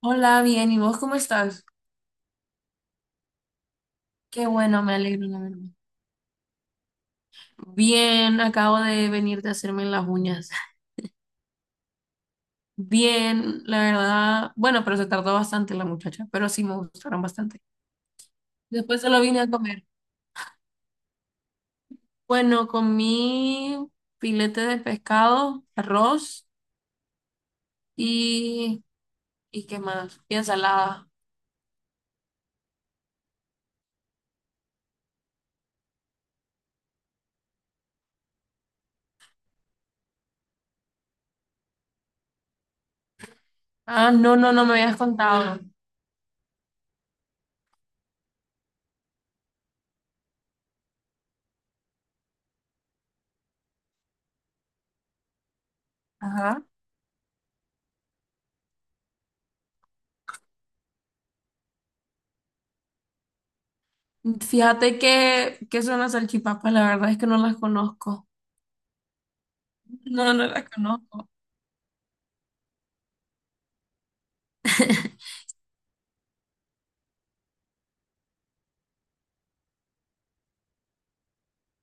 Hola, bien, ¿y vos cómo estás? Qué bueno, me alegro, la verdad. Bien, acabo de venir de hacerme las uñas. Bien, la verdad. Bueno, pero se tardó bastante la muchacha, pero sí me gustaron bastante. Después se lo vine a comer. Bueno, comí filete de pescado, arroz y... ¿Y qué más? Y ensalada. Ah, no, no, no me habías contado. Ajá. Fíjate que son las salchipapas, la verdad es que no las conozco. No, no las conozco.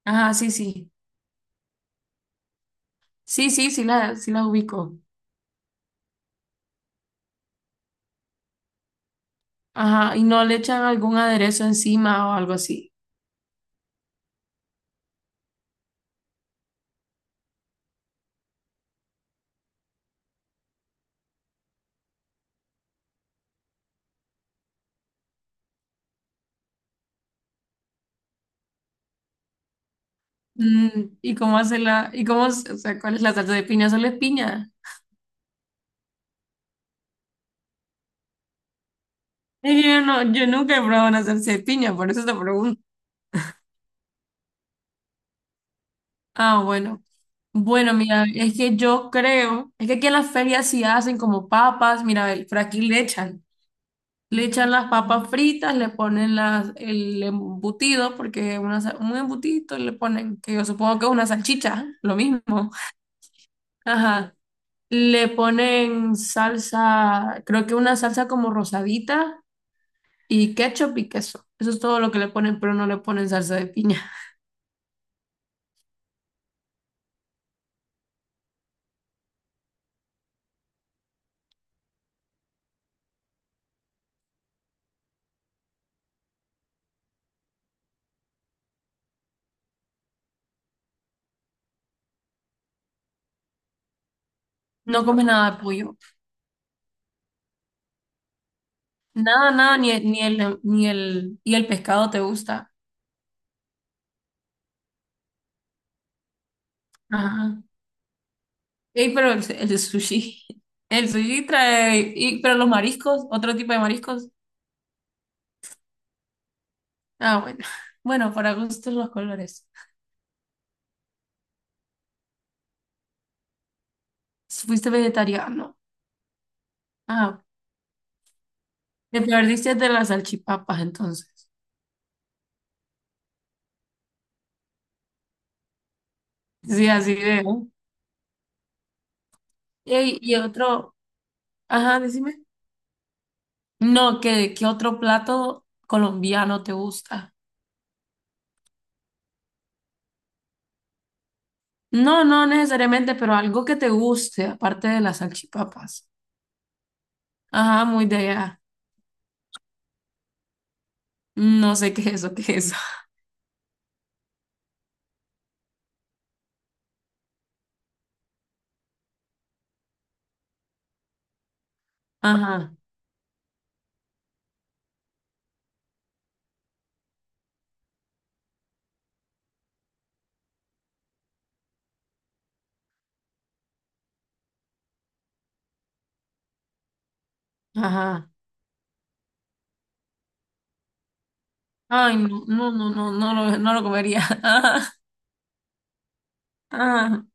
Ajá, sí, sí. Sí, sí, sí sí la ubico. Ajá, ¿y no le echan algún aderezo encima o algo así? ¿Y cómo hace y cómo, o sea, cuál es la salsa de piña? ¿Solo es piña? Es que yo no, yo nunca he probado una salsa de piña, por eso te pregunto. Ah, bueno. Bueno, mira, es que yo creo, es que aquí en las ferias sí hacen como papas, mira, por aquí le echan las papas fritas, le ponen las, el embutido, porque una, un embutito le ponen, que yo supongo que es una salchicha, lo mismo. Ajá. Le ponen salsa, creo que una salsa como rosadita y ketchup y queso. Eso es todo lo que le ponen, pero no le ponen salsa de piña. No comes nada de pollo. Nada, nada, ni, ni el, y el pescado te gusta. Ajá. Ey, pero el sushi. El sushi trae, y, pero los mariscos, otro tipo de mariscos. Ah, bueno. Bueno, para gustos los colores. Fuiste vegetariano. Ah, te perdiste de las salchipapas entonces. Sí, así de. Ey, y otro, ajá, decime. No, ¿qué, qué otro plato colombiano te gusta? No, no necesariamente, pero algo que te guste, aparte de las salchipapas. Ajá, muy de allá. No sé qué es eso, qué es eso. Ajá, ajá. Ay, no, no, no, no, no lo comería. Ajá, ajá,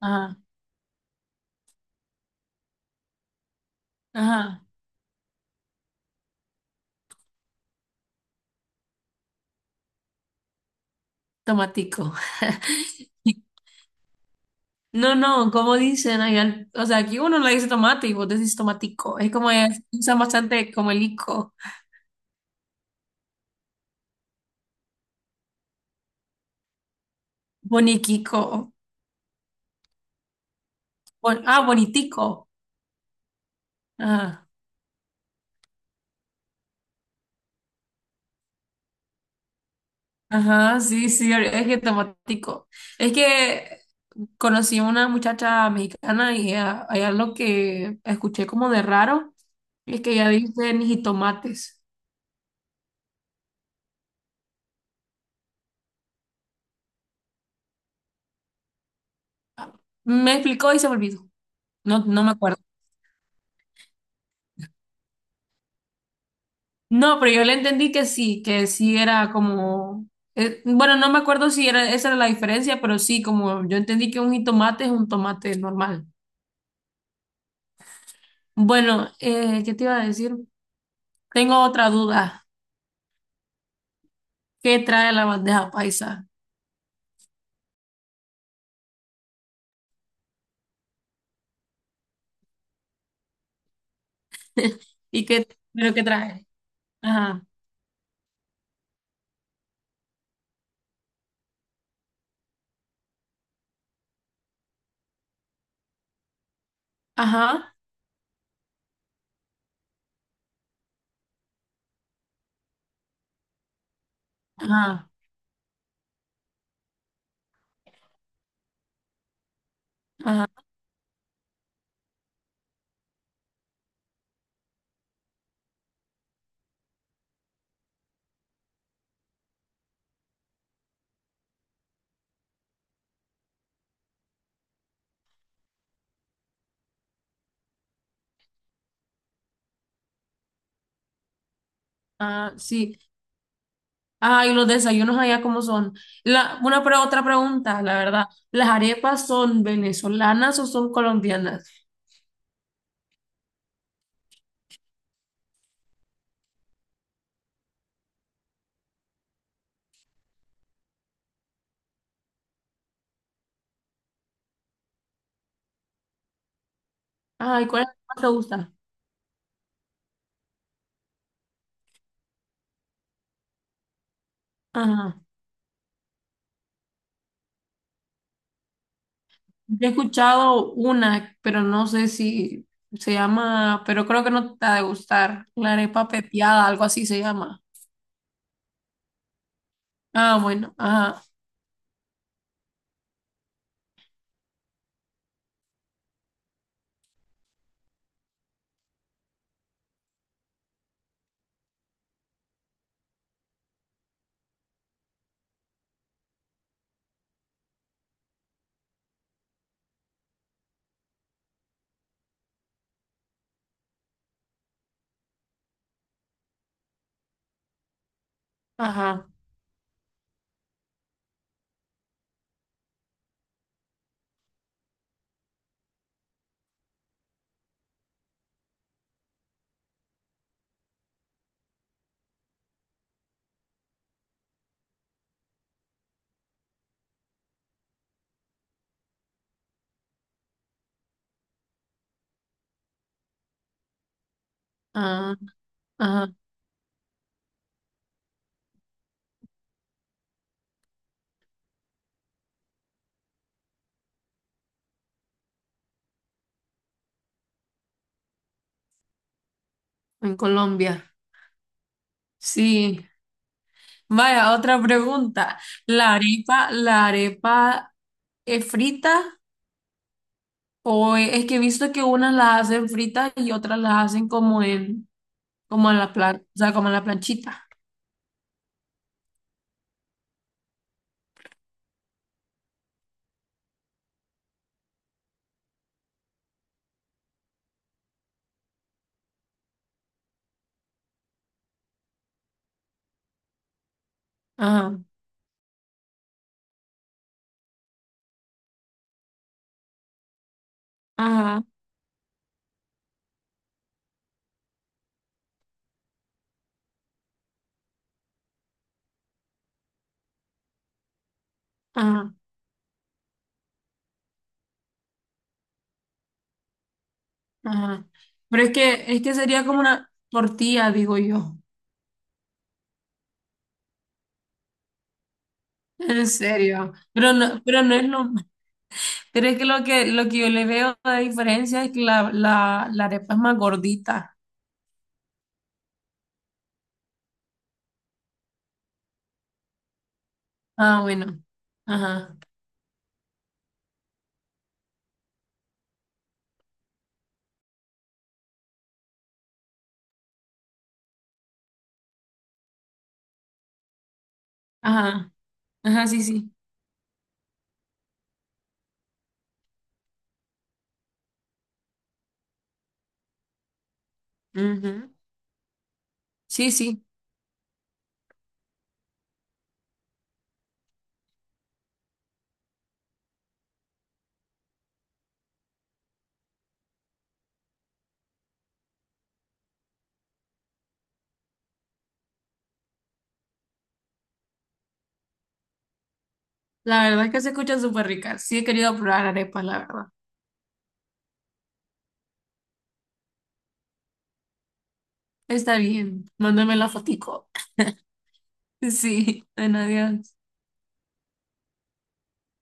ajá, ajá. Tomatico. No, no, como dicen allá, o sea, aquí uno le dice tomate y vos decís tomatico. Es como, es, usan bastante como el ico, boniquico. Ah, bonitico. Ajá, ajá, sí, sí, es que tomatico. Es que conocí a una muchacha mexicana y ella, hay algo que escuché como de raro, es que ella dice ni jitomates. Me explicó y se me olvidó. No, no me acuerdo. No, pero yo le entendí que sí era como... Eh, bueno, no me acuerdo si era, esa era la diferencia, pero sí, como yo entendí que un jitomate es un tomate normal. Bueno, ¿qué te iba a decir? Tengo otra duda. ¿Qué trae la bandeja paisa? ¿Y qué, pero qué trae? Ajá, ajá, ajá, ajá, ajá, sí. Ajá, y los desayunos allá cómo son. Una otra pregunta, la verdad. ¿Las arepas son venezolanas o son colombianas? Ay, ¿cuál es la que más te gusta? Ajá. Yo he escuchado una, pero no sé si se llama, pero creo que no te ha de gustar. La arepa pepiada, algo así se llama. Ah, bueno, ajá, ajá, ajá, ajá, en Colombia. Sí, vaya, otra pregunta. La arepa es frita o es que he visto que unas las hacen fritas y otras las hacen como en, como en la plan, o sea, como en la planchita? Ajá, ajá, ajá, ajá. Pero es que sería como una tortilla, digo yo. En serio, pero no es lo, pero es que lo que yo le veo la diferencia es que la arepa es más gordita. Ah, bueno. Ajá, ajá, ajá, sí, sí. Ujú. Sí, sí, la verdad es que se escuchan súper ricas. Sí, he querido probar arepas, la verdad. Está bien, mándame la fotico. Sí, bueno, adiós.